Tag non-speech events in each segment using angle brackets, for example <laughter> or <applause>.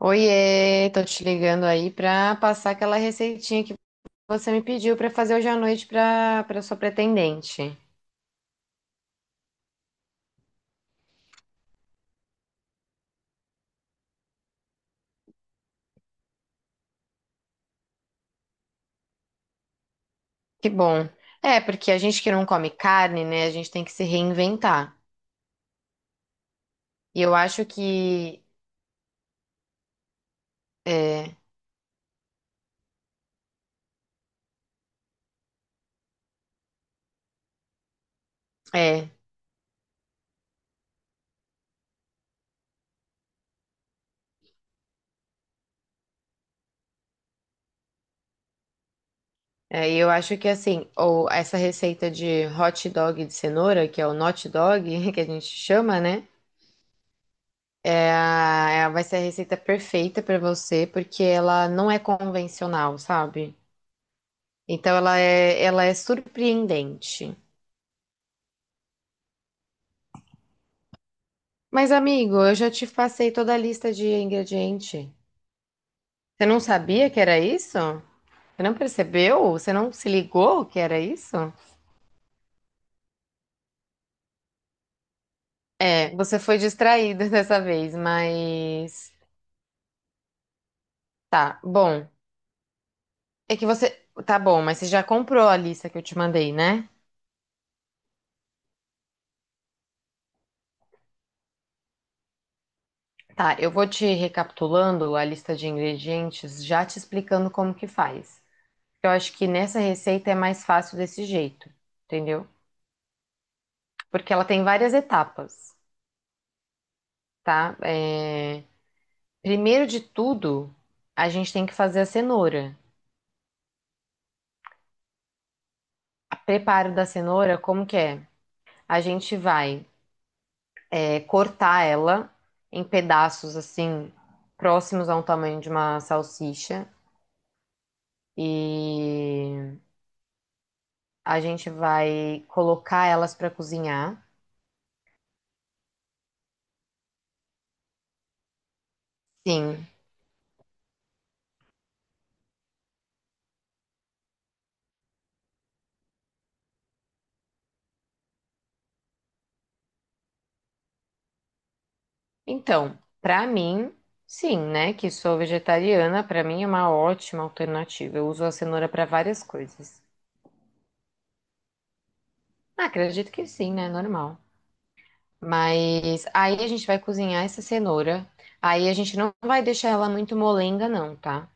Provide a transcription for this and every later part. Oiê, tô te ligando aí pra passar aquela receitinha que você me pediu pra fazer hoje à noite pra para sua pretendente. Que bom. É, porque a gente que não come carne, né, a gente tem que se reinventar. E eu acho que é, é, assim, ou essa receita de hot dog de cenoura, que é o not dog, <laughs> que a gente chama, né? Vai ser a receita perfeita pra você, porque ela não é convencional, sabe? Então ela é surpreendente. Mas, amigo, eu já te passei toda a lista de ingrediente. Você não sabia que era isso? Você não percebeu? Você não se ligou que era isso? É, você foi distraído <laughs> dessa vez, mas tá, bom. É que você Tá bom, mas você já comprou a lista que eu te mandei, né? Tá, eu vou te recapitulando a lista de ingredientes, já te explicando como que faz. Eu acho que nessa receita é mais fácil desse jeito, entendeu? Porque ela tem várias etapas, tá? Primeiro de tudo, a gente tem que fazer a cenoura. O preparo da cenoura, como que é? A gente vai cortar ela em pedaços assim, próximos ao tamanho de uma salsicha. E a gente vai colocar elas para cozinhar. Sim. Então, para mim, sim, né? Que sou vegetariana, para mim é uma ótima alternativa. Eu uso a cenoura para várias coisas. Ah, acredito que sim, né? Normal. Mas aí a gente vai cozinhar essa cenoura. Aí a gente não vai deixar ela muito molenga, não, tá?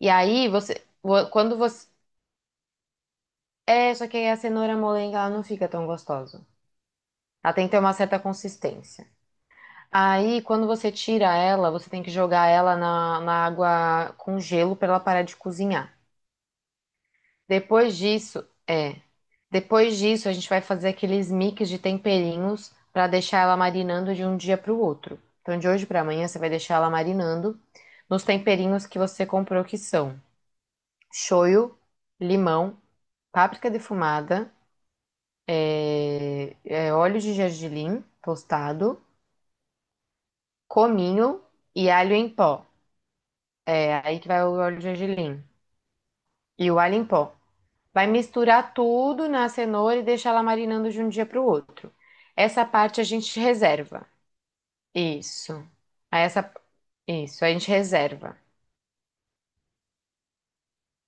E aí você. Vo- Quando você. É, só que aí a cenoura molenga ela não fica tão gostosa. Ela tem que ter uma certa consistência. Aí, quando você tira ela, você tem que jogar ela na água com gelo pra ela parar de cozinhar. Depois disso, é. Depois disso, a gente vai fazer aqueles mix de temperinhos para deixar ela marinando de um dia para o outro. Então, de hoje para amanhã, você vai deixar ela marinando nos temperinhos que você comprou, que são shoyu, limão, páprica defumada, óleo de gergelim tostado, cominho e alho em pó. É aí que vai o óleo de gergelim. E o alho em pó. Vai misturar tudo na cenoura e deixar ela marinando de um dia para o outro. Essa parte a gente reserva. Isso. Aí essa, isso, a gente reserva.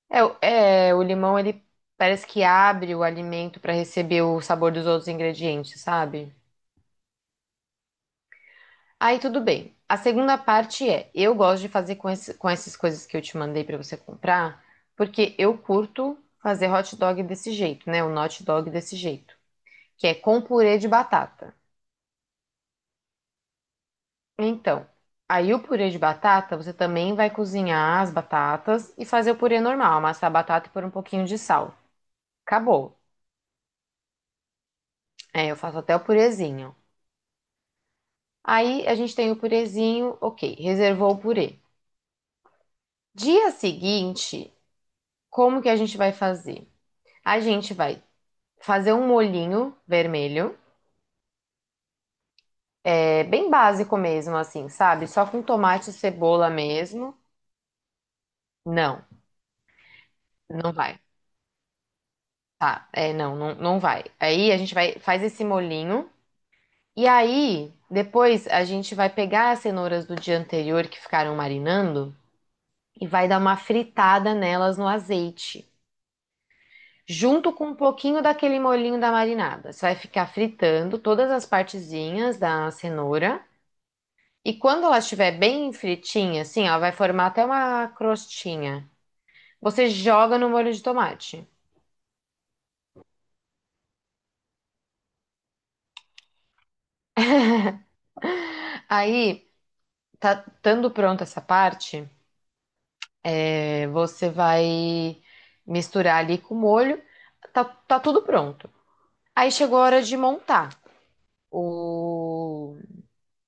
O limão ele parece que abre o alimento para receber o sabor dos outros ingredientes, sabe? Aí tudo bem. A segunda parte é, eu gosto de fazer com essas coisas que eu te mandei para você comprar, porque eu curto fazer hot dog desse jeito, né? O hot dog desse jeito, que é com purê de batata. Então, aí o purê de batata, você também vai cozinhar as batatas e fazer o purê normal, amassar a batata e pôr um pouquinho de sal. Acabou. É, eu faço até o purezinho. Aí a gente tem o purezinho, ok, reservou o purê. Dia seguinte, como que a gente vai fazer? A gente vai fazer um molhinho vermelho, é bem básico mesmo, assim, sabe? Só com tomate e cebola mesmo. Não, não vai. Tá, é, não, não vai. Aí a gente vai, faz esse molhinho. E aí, depois a gente vai pegar as cenouras do dia anterior que ficaram marinando e vai dar uma fritada nelas no azeite, junto com um pouquinho daquele molhinho da marinada. Você vai ficar fritando todas as partezinhas da cenoura e quando ela estiver bem fritinha, assim, ela vai formar até uma crostinha. Você joga no molho de tomate. Aí, tá estando pronta essa parte, você vai misturar ali com o molho. Tá, tá tudo pronto. Aí chegou a hora de montar o,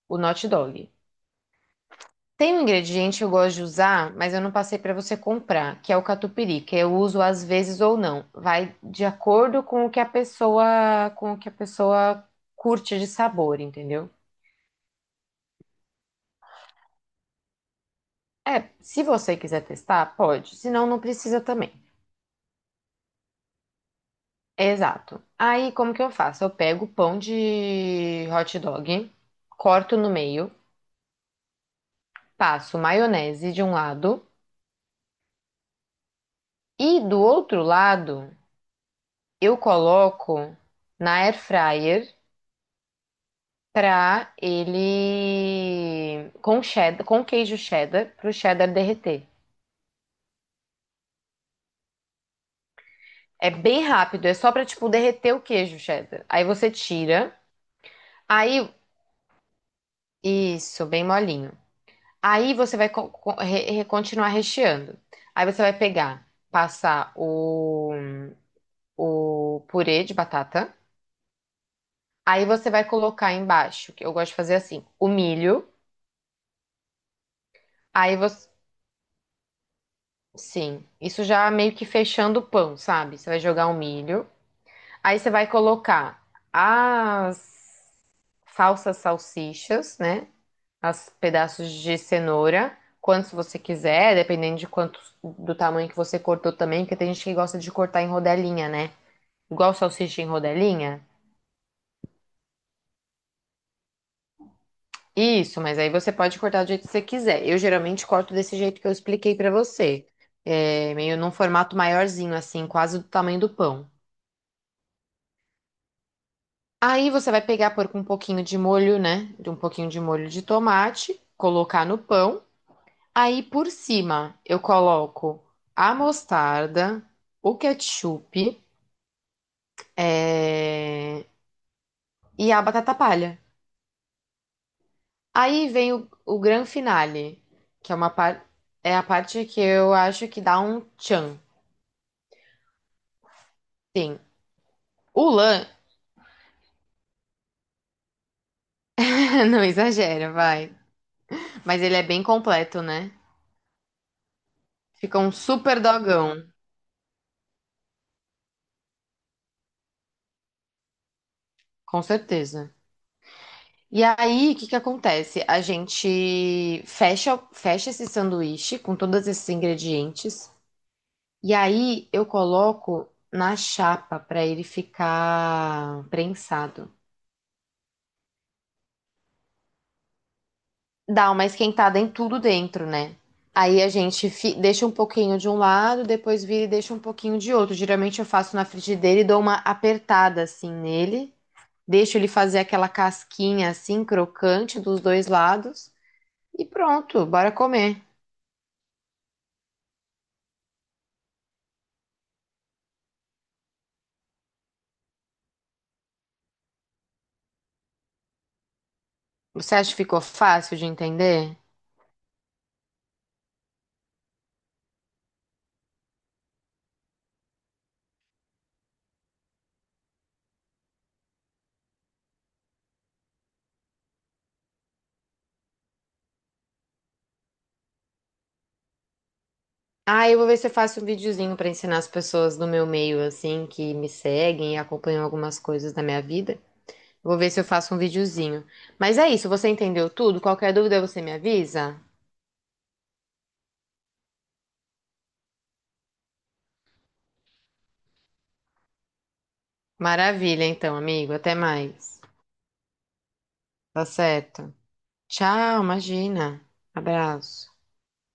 o hot dog. Tem um ingrediente que eu gosto de usar, mas eu não passei para você comprar, que é o catupiry, que eu uso às vezes ou não. Vai de acordo com o que a pessoa, com o que a pessoa curte de sabor, entendeu? É, se você quiser testar, pode. Se não, não precisa também. Exato. Aí, como que eu faço? Eu pego o pão de hot dog, corto no meio, passo maionese de um lado e do outro lado eu coloco na air fryer pra ele com cheddar, com queijo cheddar, pro cheddar derreter. É bem rápido, é só pra, tipo, derreter o queijo cheddar. Aí você tira, aí, isso, bem molinho. Aí você vai continuar recheando. Aí você vai pegar, passar o purê de batata. Aí você vai colocar embaixo, que eu gosto de fazer assim, o milho. Aí você Sim, isso já meio que fechando o pão, sabe? Você vai jogar o milho, aí você vai colocar as falsas salsichas, né? As pedaços de cenoura, quantos você quiser, dependendo de quanto do tamanho que você cortou também, porque tem gente que gosta de cortar em rodelinha, né? Igual salsicha em rodelinha. Isso, mas aí você pode cortar do jeito que você quiser. Eu geralmente corto desse jeito que eu expliquei pra você, meio num formato maiorzinho, assim, quase do tamanho do pão. Aí você vai pegar, pôr com um pouquinho de molho, né? De um pouquinho de molho de tomate, colocar no pão. Aí por cima eu coloco a mostarda, o ketchup, é, e a batata palha. Aí vem o gran finale, que é uma é a parte que eu acho que dá um tchan. Sim. O lã, <laughs> não exagera, vai. Mas ele é bem completo, né? Fica um super dogão, com certeza. E aí, o que que acontece? A gente fecha esse sanduíche com todos esses ingredientes. E aí, eu coloco na chapa para ele ficar prensado. Dá uma esquentada em tudo dentro, né? Aí a gente deixa um pouquinho de um lado, depois vira e deixa um pouquinho de outro. Geralmente eu faço na frigideira e dou uma apertada assim nele. Deixo ele fazer aquela casquinha assim, crocante dos dois lados. E pronto, bora comer. Você acha que ficou fácil de entender? Ah, eu vou ver se eu faço um videozinho pra ensinar as pessoas do meu meio, assim, que me seguem e acompanham algumas coisas da minha vida. Vou ver se eu faço um videozinho. Mas é isso, você entendeu tudo? Qualquer dúvida você me avisa? Maravilha, então, amigo. Até mais. Tá certo. Tchau, imagina. Abraço.